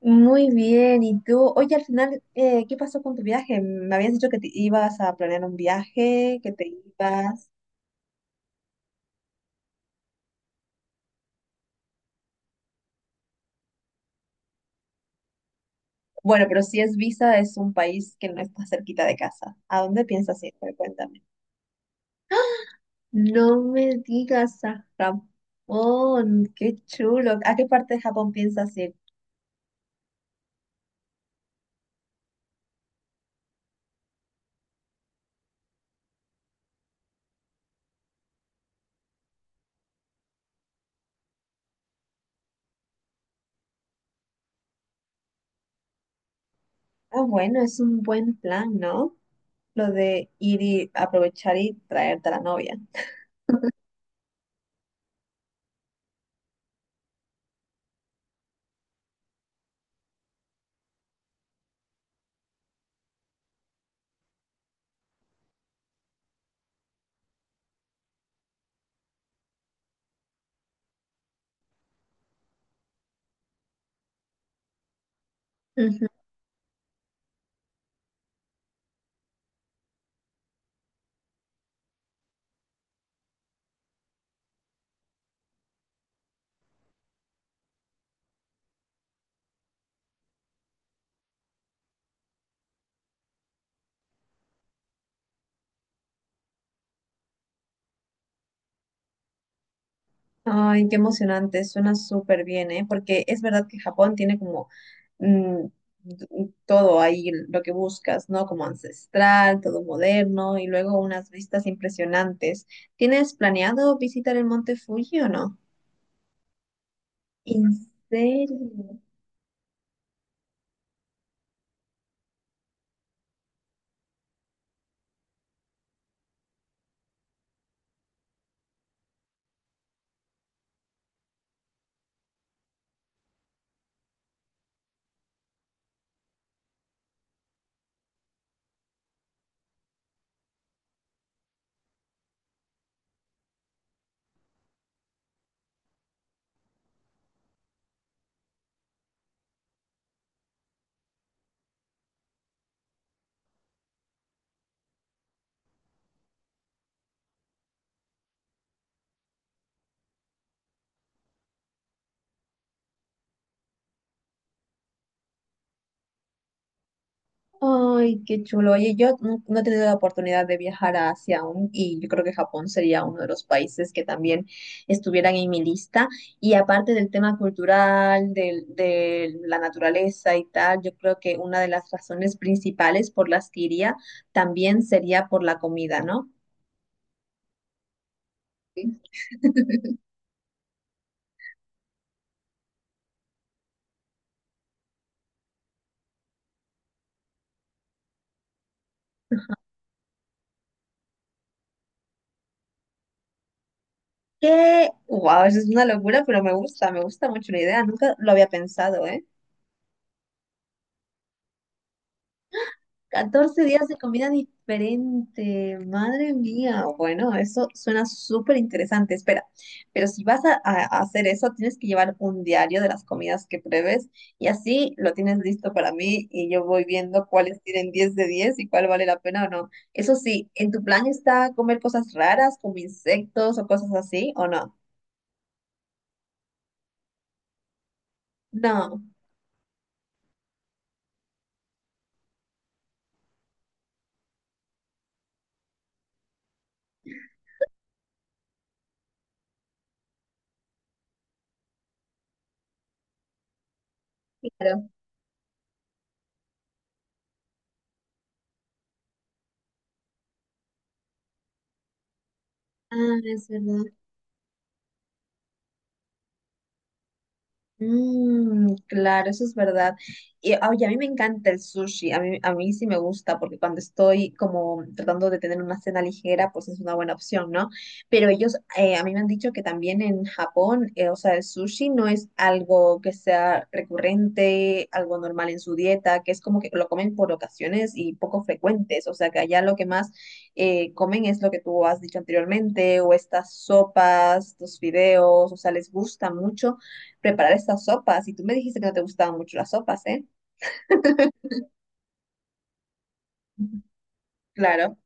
Muy bien, ¿y tú? Oye, al final, ¿qué pasó con tu viaje? Me habías dicho que te ibas a planear un viaje, que te ibas... Bueno, pero si es visa, es un país que no está cerquita de casa. ¿A dónde piensas ir? Pero cuéntame. No me digas, a Japón, qué chulo. ¿A qué parte de Japón piensas ir? Ah, bueno, es un buen plan, ¿no? Lo de ir y aprovechar y traerte a la novia. Ay, qué emocionante, suena súper bien, ¿eh? Porque es verdad que Japón tiene como mm, todo ahí, lo que buscas, ¿no? Como ancestral, todo moderno y luego unas vistas impresionantes. ¿Tienes planeado visitar el Monte Fuji o no? ¿En serio? Ay, qué chulo. Oye, yo no he tenido la oportunidad de viajar a Asia aún y yo creo que Japón sería uno de los países que también estuvieran en mi lista. Y aparte del tema cultural, la naturaleza y tal, yo creo que una de las razones principales por las que iría también sería por la comida, ¿no? Sí. Que, wow, eso es una locura, pero me gusta mucho la idea. Nunca lo había pensado, ¿eh? 14 días de comida diferente. Madre mía. Bueno, eso suena súper interesante. Espera, pero si vas a, a hacer eso, tienes que llevar un diario de las comidas que pruebes y así lo tienes listo para mí y yo voy viendo cuáles tienen 10 de 10 y cuál vale la pena o no. Eso sí, ¿en tu plan está comer cosas raras como insectos o cosas así o no? No. Claro. Ah, es verdad. Mm, claro, eso es verdad. Y oye, a mí me encanta el sushi, a mí sí me gusta porque cuando estoy como tratando de tener una cena ligera, pues es una buena opción, ¿no? Pero ellos, a mí me han dicho que también en Japón, o sea, el sushi no es algo que sea recurrente, algo normal en su dieta, que es como que lo comen por ocasiones y poco frecuentes, o sea, que allá lo que más comen es lo que tú has dicho anteriormente, o estas sopas, estos fideos, o sea, les gusta mucho preparar estas sopas. Y tú me dijiste que no te gustaban mucho las sopas, ¿eh? Ujú. Claro.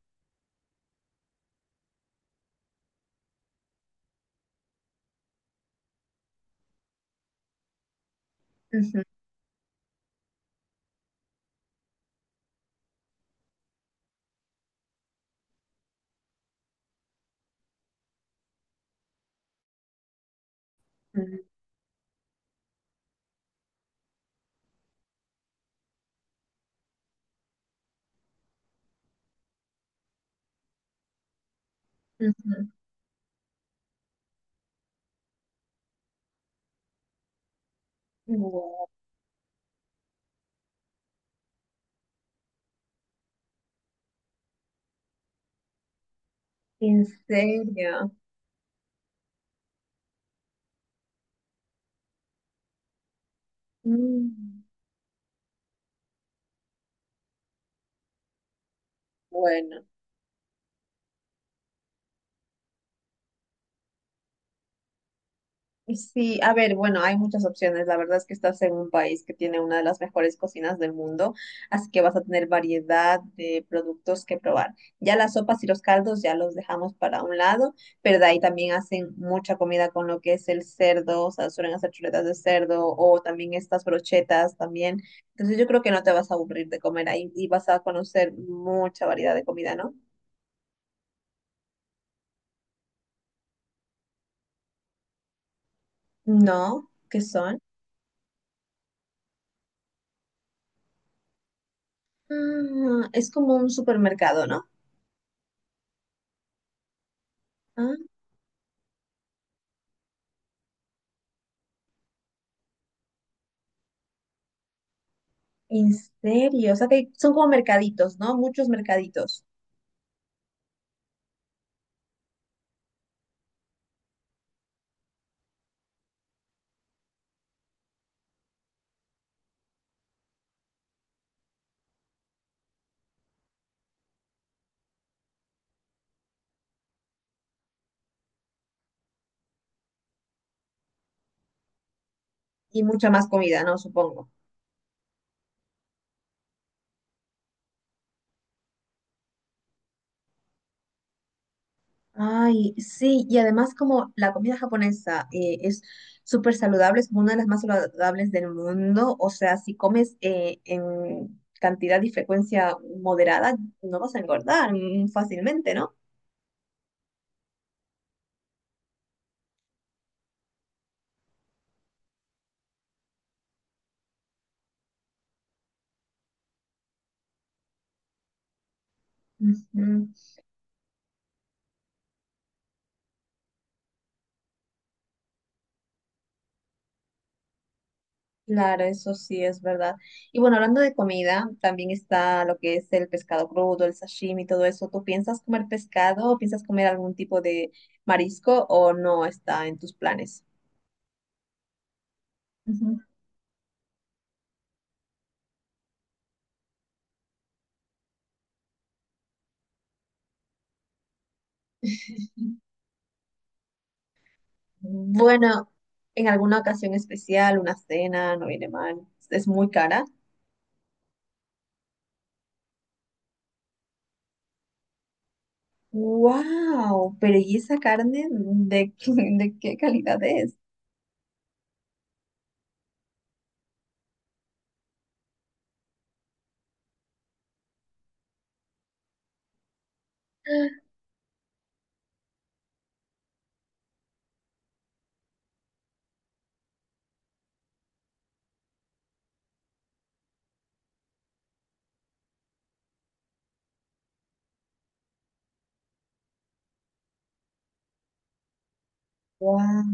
Ujú, ujú, ujú. Wow, ¿en serio? Mm, bueno. Sí, a ver, bueno, hay muchas opciones. La verdad es que estás en un país que tiene una de las mejores cocinas del mundo, así que vas a tener variedad de productos que probar. Ya las sopas y los caldos ya los dejamos para un lado, pero de ahí también hacen mucha comida con lo que es el cerdo, o sea, suelen hacer chuletas de cerdo o también estas brochetas también. Entonces yo creo que no te vas a aburrir de comer ahí y vas a conocer mucha variedad de comida, ¿no? No, ¿qué son? Ah, es como un supermercado, ¿no? En serio, o sea que son como mercaditos, ¿no? Muchos mercaditos y mucha más comida, ¿no? Supongo. Ay, sí, y además como la comida japonesa es súper saludable, es como una de las más saludables del mundo, o sea, si comes en cantidad y frecuencia moderada, no vas a engordar fácilmente, ¿no? Ujú. Claro, eso sí es verdad. Y bueno, hablando de comida, también está lo que es el pescado crudo, el sashimi, todo eso. ¿Tú piensas comer pescado o piensas comer algún tipo de marisco o no está en tus planes? Ujú. Bueno, en alguna ocasión especial, una cena, no viene mal, es muy cara. ¡Wow! Pero ¿y esa carne de, qué- de qué calidad es? ¡Wow!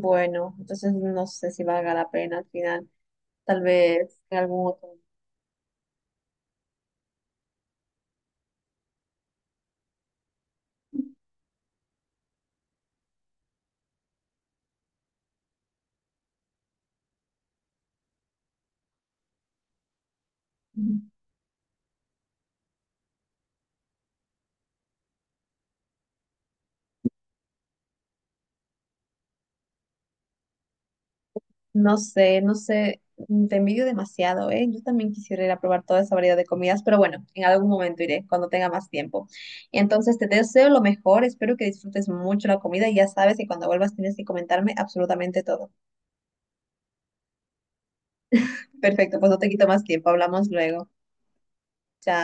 Bueno, entonces no sé si valga la pena al final. Tal vez en algún otro. No sé, no sé, mm, te envidio demasiado, ¿eh? Yo también quisiera ir a probar toda esa variedad de comidas, pero bueno, en algún momento iré, cuando tenga más tiempo. Entonces, te deseo lo mejor, espero que disfrutes mucho la comida y ya sabes que cuando vuelvas tienes que comentarme absolutamente todo. Perfecto, pues no te quito más tiempo, hablamos luego. Chao.